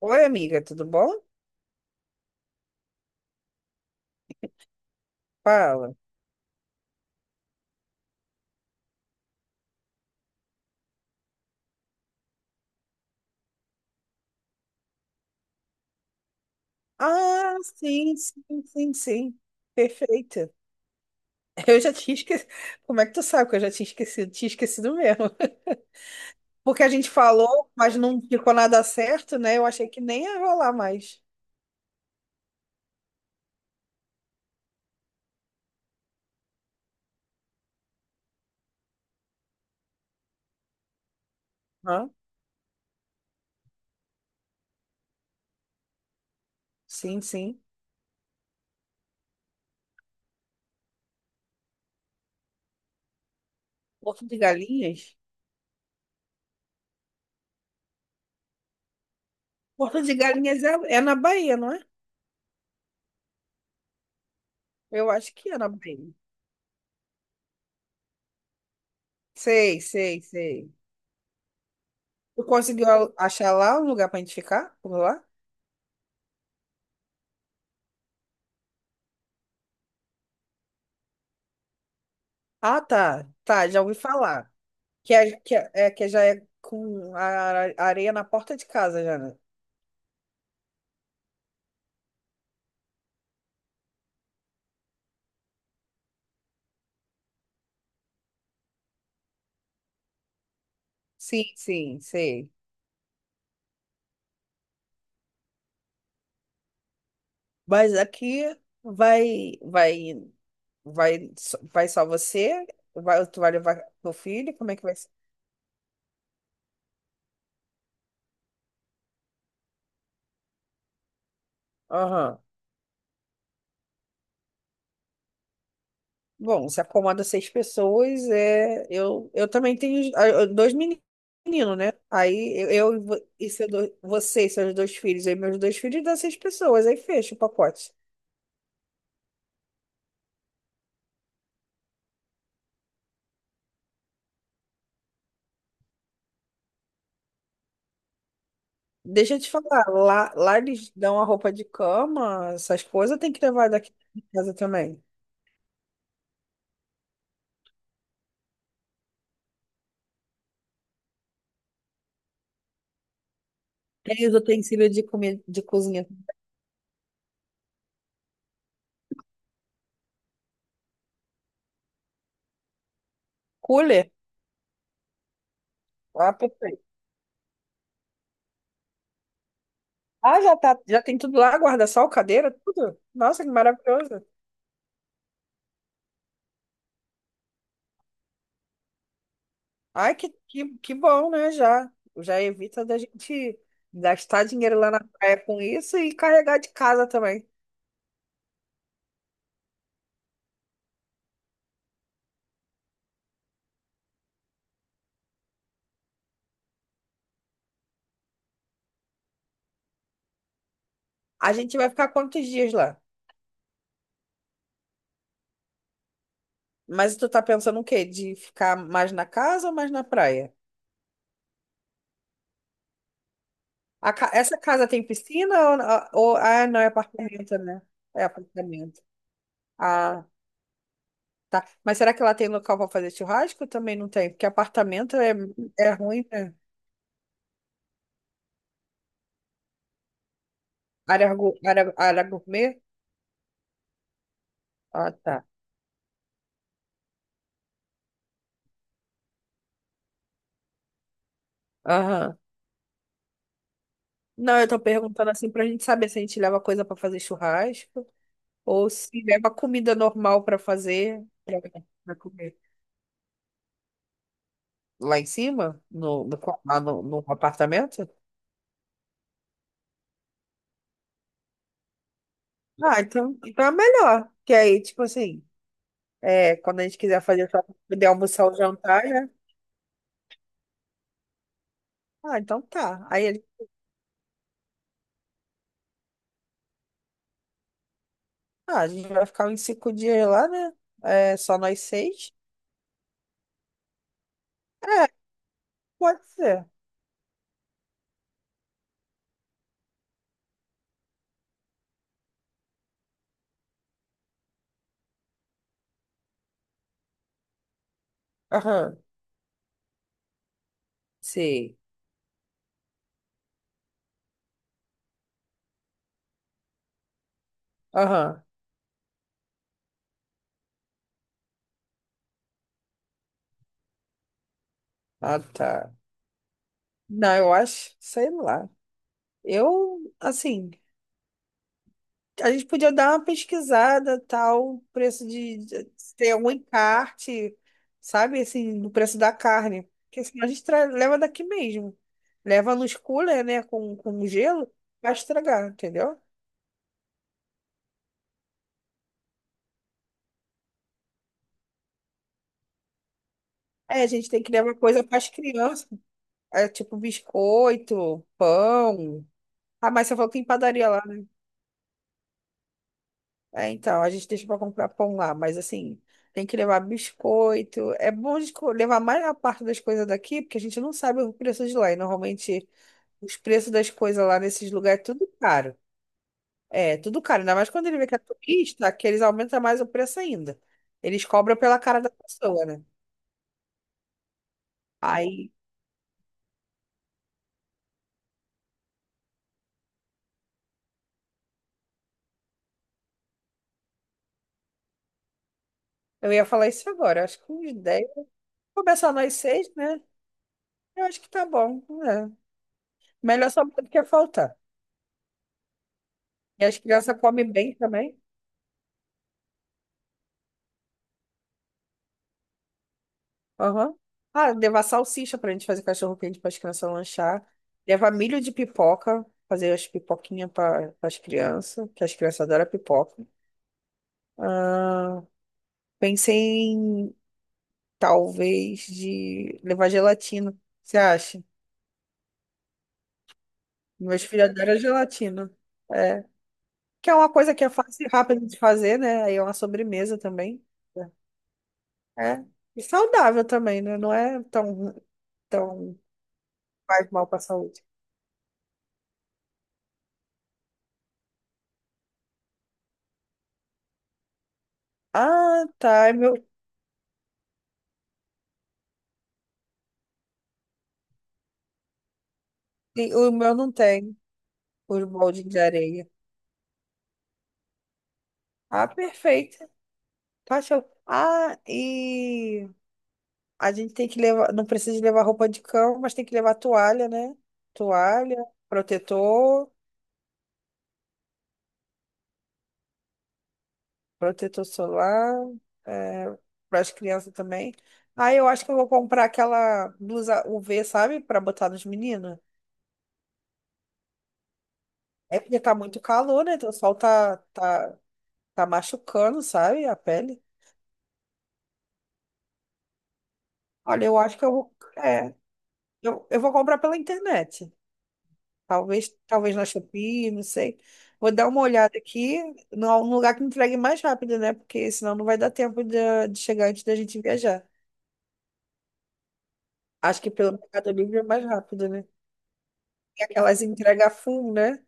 Oi, amiga, tudo bom? Fala. Ah, sim, sim, sim, sim. Perfeito. Eu já tinha esquecido. Como é que tu sabe que eu já tinha esquecido? Tinha esquecido mesmo. Porque a gente falou, mas não ficou nada certo, né? Eu achei que nem ia rolar mais. Hã? Sim, sim. Porto de Galinhas? Porto de Galinhas é, é na Bahia, não é? Eu acho que é na Bahia. Sei, sei, sei. Tu conseguiu achar lá um lugar pra gente ficar? Por lá? Ah, tá. Tá, já ouvi falar. Que, que já é com a areia na porta de casa, já, né? Sim, sim, sei. Mas aqui vai, vai, vai só você? Vai, tu vai levar teu filho? Como é que vai ser? Aham. Bom, se acomoda seis pessoas, é, eu também tenho dois meninos, né? Aí eu, você e seus dois filhos, aí meus dois filhos dá seis pessoas, aí fecha o pacote. Deixa eu te falar, lá eles dão a roupa de cama, essas coisas tem que levar daqui de casa também. Tem os utensílios de comida, de cozinha. Cooler? Ah, perfeito. Ah, já tá, já tem tudo lá, guarda-sol, cadeira, tudo. Nossa, que maravilhoso. Ai, que bom, né? Já, já evita da gente gastar dinheiro lá na praia com isso e carregar de casa também. A gente vai ficar quantos dias lá? Mas tu tá pensando o quê? De ficar mais na casa ou mais na praia? Essa casa tem piscina ou, ah, não, é apartamento, né? É apartamento. Ah, tá. Mas será que ela tem local para fazer churrasco? Também não tem, porque apartamento é, é ruim, né? Área, área gourmet? Ah, tá. Aham. Não, eu tô perguntando assim pra gente saber se a gente leva coisa para fazer churrasco ou se leva comida normal para fazer, para comer. Lá em cima? Lá no, no apartamento? Ah, então, então é melhor. Que aí, tipo assim. É, quando a gente quiser fazer só pra poder almoçar ou jantar, né? Ah, então tá. Aí ele, ah, a gente vai ficar uns 5 dias lá, né? É, só nós seis? É, pode ser. Aham, sei. Aham, ah, tá. Não, eu acho, sei lá. Eu, assim, a gente podia dar uma pesquisada, tal, preço de se tem algum encarte, sabe, assim, no preço da carne. Porque senão leva daqui mesmo. Leva nos cooler, né, com gelo, vai estragar, entendeu? É, a gente tem que levar coisa para as crianças, é, tipo biscoito, pão. Ah, mas você falou que tem padaria lá, né? É, então, a gente deixa para comprar pão lá, mas assim, tem que levar biscoito. Levar mais a parte das coisas daqui, porque a gente não sabe o preço de lá. E normalmente os preços das coisas lá nesses lugares, é tudo caro. É, tudo caro. Ainda mais quando ele vê que é turista, que eles aumentam mais o preço ainda. Eles cobram pela cara da pessoa, né? Aí, eu ia falar isso agora. Acho que uns 10. Começar nós seis, né? Eu acho que tá bom, né? Melhor sobrar do que faltar. E as crianças comem bem também. Aham. Ah, levar salsicha pra gente fazer cachorro quente para as crianças lanchar. Levar milho de pipoca. Fazer as pipoquinhas para as crianças, que as crianças adoram pipoca. Ah, pensei em talvez de levar gelatina. Você acha? Meus filhos adoram gelatina. É. Que é uma coisa que é fácil e rápida de fazer, né? Aí é uma sobremesa também. É. É. E saudável também, né? Não é tão, tão faz mal para a saúde. Ah, tá. E meu, e o meu não tem os moldes de areia. Ah, perfeito. Tá show. Ah, e a gente tem que levar, não precisa levar roupa de cama, mas tem que levar toalha, né? Toalha, protetor, protetor solar, é, para as crianças também. Aí eu acho que eu vou comprar aquela blusa UV, sabe? Para botar nos meninos. É porque tá muito calor, né? Então, o sol tá machucando, sabe? A pele. Olha, eu acho que eu vou. É, eu vou comprar pela internet. Talvez na Shopee, não sei. Vou dar uma olhada aqui num lugar que me entregue mais rápido, né? Porque senão não vai dar tempo de chegar antes da gente viajar. Acho que pelo Mercado Livre é mais rápido, né? E aquelas entrega full, né?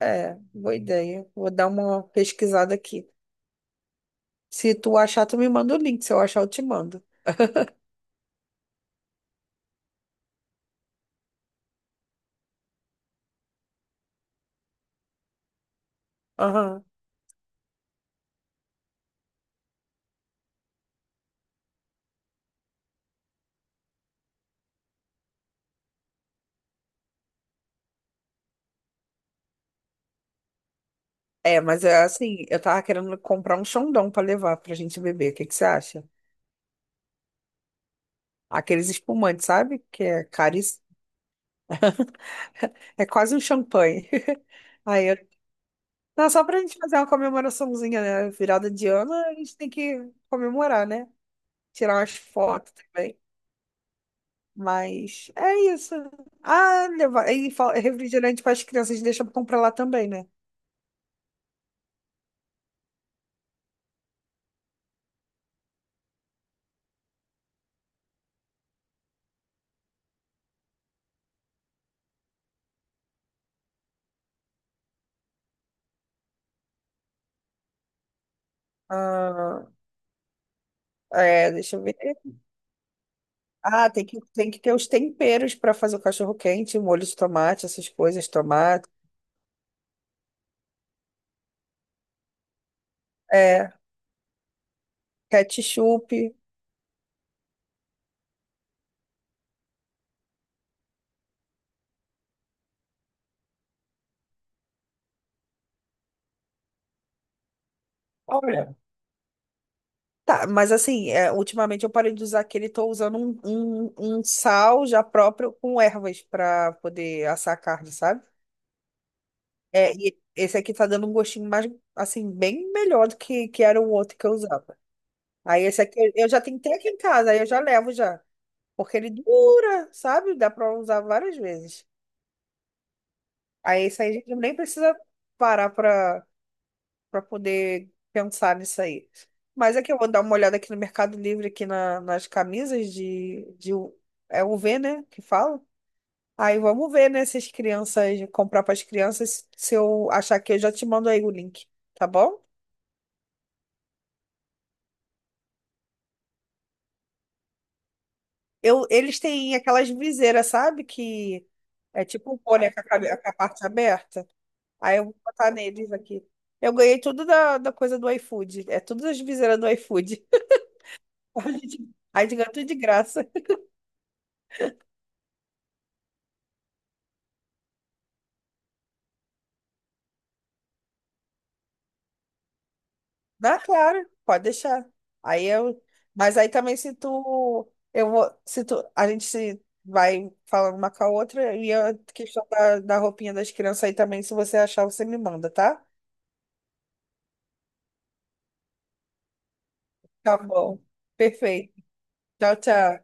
É, boa ideia. Vou dar uma pesquisada aqui. Se tu achar, tu me manda o link. Se eu achar, eu te mando. Aham. É, mas é assim, eu tava querendo comprar um Xandão pra levar pra gente beber. O que que você acha? Aqueles espumantes, sabe? Que é caríssimo. É quase um champanhe. Aí eu... Não, só pra gente fazer uma comemoraçãozinha, né? Virada de ano, a gente tem que comemorar, né? Tirar umas fotos também. Mas é isso. Ah, levar... refrigerante para as crianças, deixa pra comprar lá também, né? Ah, é, deixa eu ver. Ah, tem que ter os temperos para fazer o cachorro-quente, molho de tomate, essas coisas, tomate, é, ketchup. Olha. Tá, mas assim, é, ultimamente eu parei de usar aquele, tô usando um sal já próprio com ervas para poder assar a carne, sabe? É, e esse aqui tá dando um gostinho mais, assim, bem melhor do que era o outro que eu usava. Aí esse aqui eu já tenho até aqui em casa, aí eu já levo já, porque ele dura, sabe? Dá pra usar várias vezes. Aí esse aí a gente nem precisa parar pra para poder pensar nisso aí. Mas é que eu vou dar uma olhada aqui no Mercado Livre, aqui nas camisas de, de. U- é UV, né? Que fala. Aí vamos ver, né? Se as crianças. Comprar para as crianças. Se eu achar que eu já te mando aí o link, tá bom? Eu, eles têm aquelas viseiras, sabe? Que é tipo um boné com a, com a parte aberta. Aí eu vou botar neles aqui. Eu ganhei tudo da, da coisa do iFood. É todas as viseiras do iFood. A gente, a gente ganha tudo de graça. Dá, claro, pode deixar. Aí eu, mas aí também se tu, eu vou, se tu, a gente se vai falando uma com a outra e a questão da, da roupinha das crianças aí também, se você achar, você me manda, tá? Tá bom. Perfeito. Tchau, tchau.